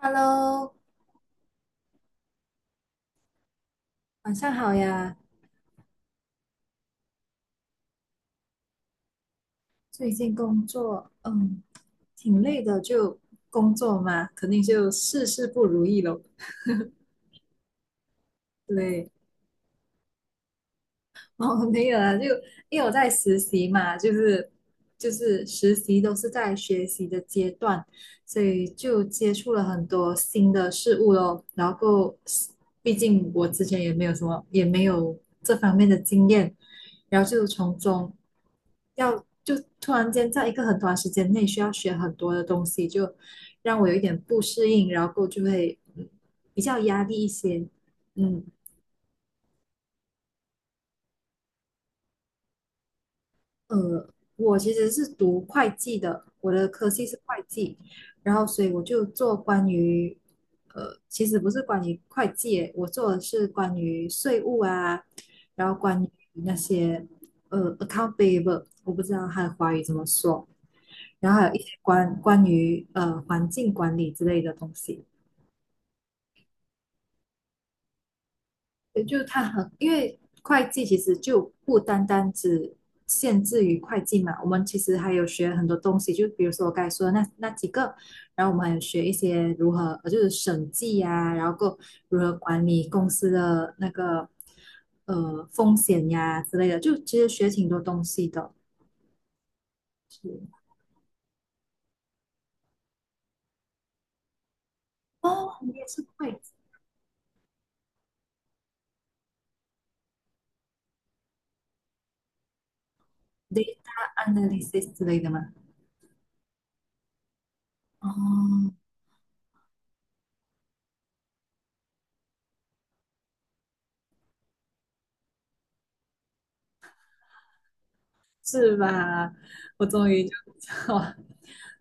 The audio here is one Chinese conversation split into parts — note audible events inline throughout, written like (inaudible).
Hello，晚上好呀。最近工作，挺累的，就工作嘛，肯定就事事不如意咯。对，(laughs) 哦，没有啊，就因为我在实习嘛，就是实习都是在学习的阶段，所以就接触了很多新的事物咯。然后，毕竟我之前也没有什么，也没有这方面的经验，然后就从中。要就突然间在一个很短时间内需要学很多的东西，就让我有一点不适应，然后就会比较压力一些。嗯呃，我其实是读会计的，我的科系是会计，然后所以我就做关于其实不是关于会计耶，我做的是关于税务啊，然后关于那些account payable，我不知道它的华语怎么说。然后还有一些关于环境管理之类的东西，也就它很，因为会计其实就不单单只限制于会计嘛，我们其实还有学很多东西，就比如说我刚才说的那几个，然后我们还有学一些如何，就是审计呀、然后够如何管理公司的那个风险呀之类的，就其实学挺多东西的。是哦，你也是会 data analysis 之类的吗？哦，是吧？我终于就 (laughs) 哇，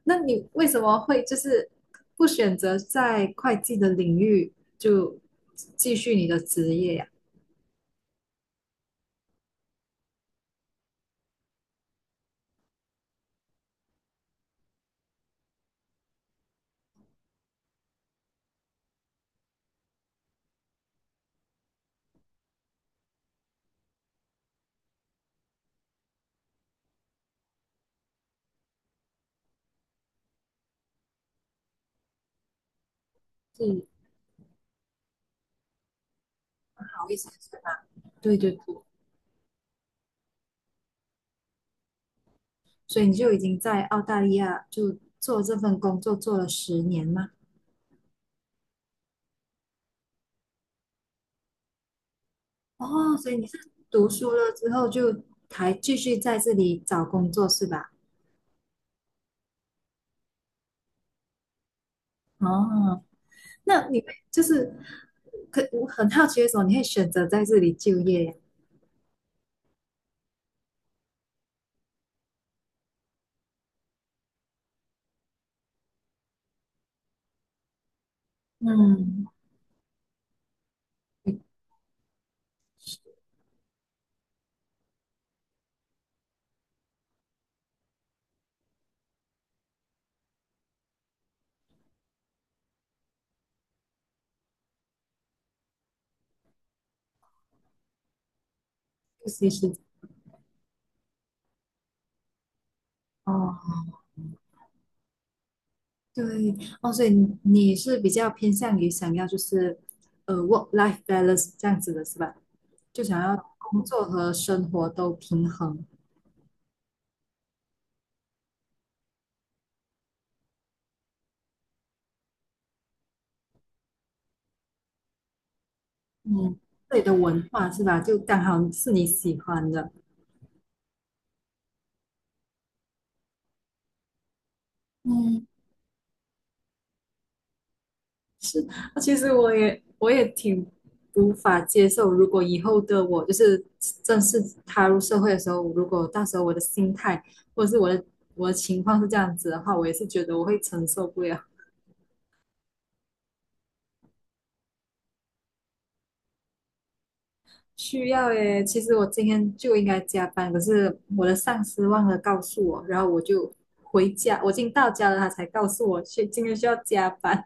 那你为什么会就是不选择在会计的领域就继续你的职业呀、是好一些是吧？对对对，所以你就已经在澳大利亚就做这份工作做了10年吗？哦，所以你是读书了之后就还继续在这里找工作是吧？哦，那你就是可我很好奇为什么你会选择在这里就业呀？嗯，复习时间哦，对哦，所以你是比较偏向于想要就是work life balance 这样子的是吧？就想要工作和生活都平衡，嗯，这里的文化是吧？就刚好是你喜欢的，嗯，是。那其实我也挺无法接受，如果以后的我就是正式踏入社会的时候，如果到时候我的心态或者是我的情况是这样子的话，我也是觉得我会承受不了。需要耶，其实我今天就应该加班，可是我的上司忘了告诉我，然后我就回家，我已经到家了，他才告诉我去今天需要加班。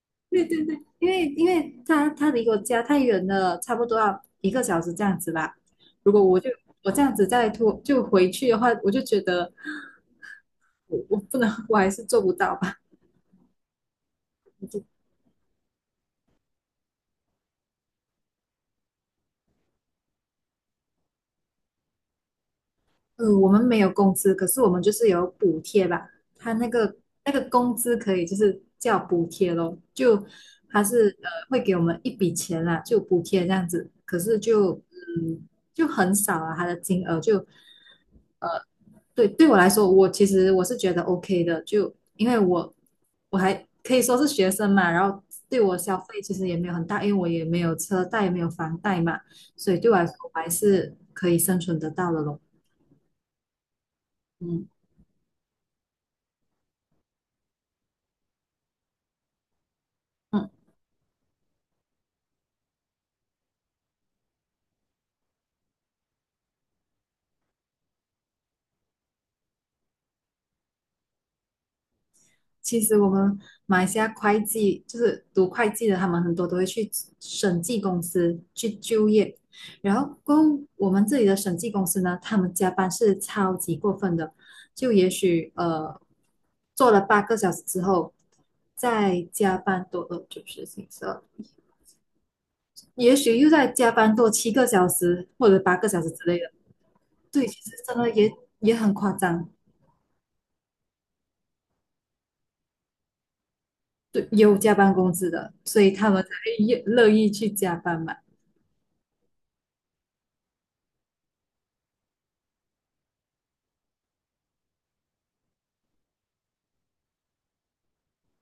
(laughs) 对对对，因为他离我家太远了，差不多要一个小时这样子吧。如果我这样子再拖就回去的话，我就觉得我不能，我还是做不到吧。嗯，我们没有工资，可是我们就是有补贴吧。他那个工资可以就是叫补贴咯，就他是会给我们一笔钱啦，就补贴这样子。可是就嗯就很少啊，他的金额就对我来说，我其实我是觉得 OK 的，就因为我还可以说是学生嘛，然后对我消费其实也没有很大，因为我也没有车贷，也没有房贷嘛，所以对我来说我还是可以生存得到的咯。嗯嗯。其实我们马来西亚会计就是读会计的，他们很多都会去审计公司去就业。然后，过后我们这里的审计公司呢，他们加班是超级过分的，就也许做了八个小时之后，再加班多就是行色，也许又再加班多7个小时或者八个小时之类的。对，其实真的也很夸张，对，有加班工资的，所以他们才越乐意去加班嘛。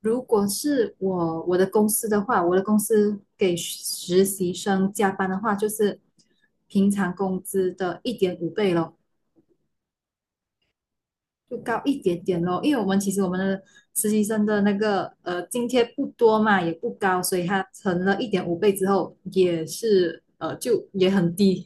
如果是我的公司的话，我的公司给实习生加班的话，就是平常工资的一点五倍咯，就高一点点咯。因为我们其实我们的实习生的那个津贴不多嘛，也不高，所以它乘了一点五倍之后，也是就也很低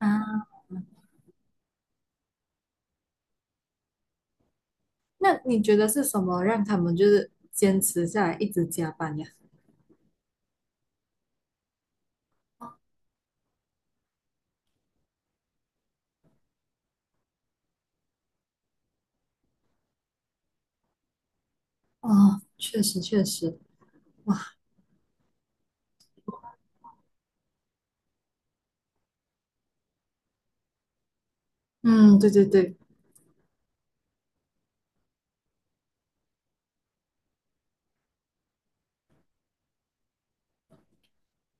啊。那你觉得是什么让他们就是坚持下来一直加班呀？哦，确实确实，哇，嗯，对对对，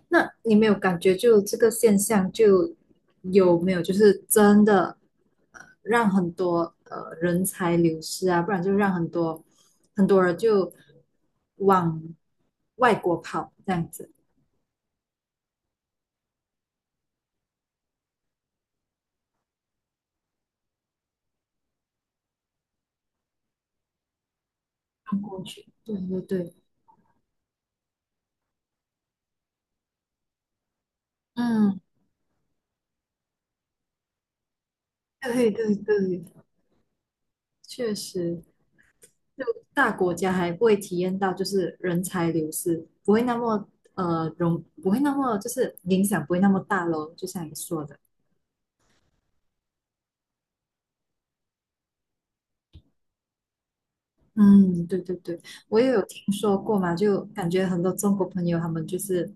那你没有感觉就这个现象就有没有就是真的让很多人才流失啊，不然就让很多很多人就往外国跑这样子。看过去，对对对，嗯，对对对，确实，就大国家还不会体验到就是人才流失，不会那么容，不会那么就是影响不会那么大咯，就像你说的。嗯，对对对，我也有听说过嘛，就感觉很多中国朋友他们就是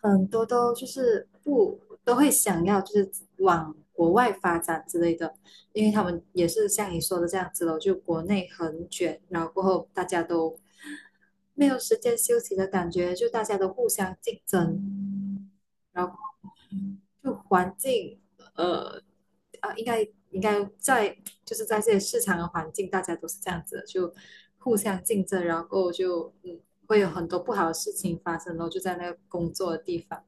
很多都就是不都会想要就是往国外发展之类的，因为他们也是像你说的这样子咯，就国内很卷，然后过后大家都没有时间休息的感觉，就大家都互相竞争，然后。就环境，呃，啊，应该在就是在这些市场的环境，大家都是这样子的就互相竞争，然后就会有很多不好的事情发生，然后就在那个工作的地方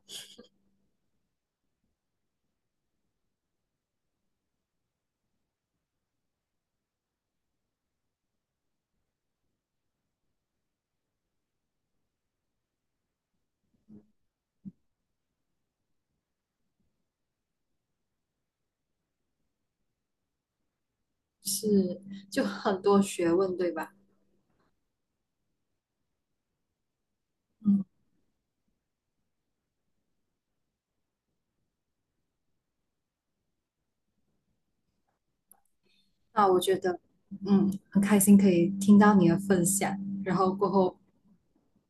是就很多学问，对吧？嗯，那我觉得很开心可以听到你的分享，然后过后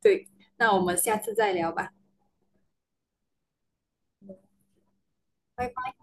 对，那我们下次再聊吧，拜拜。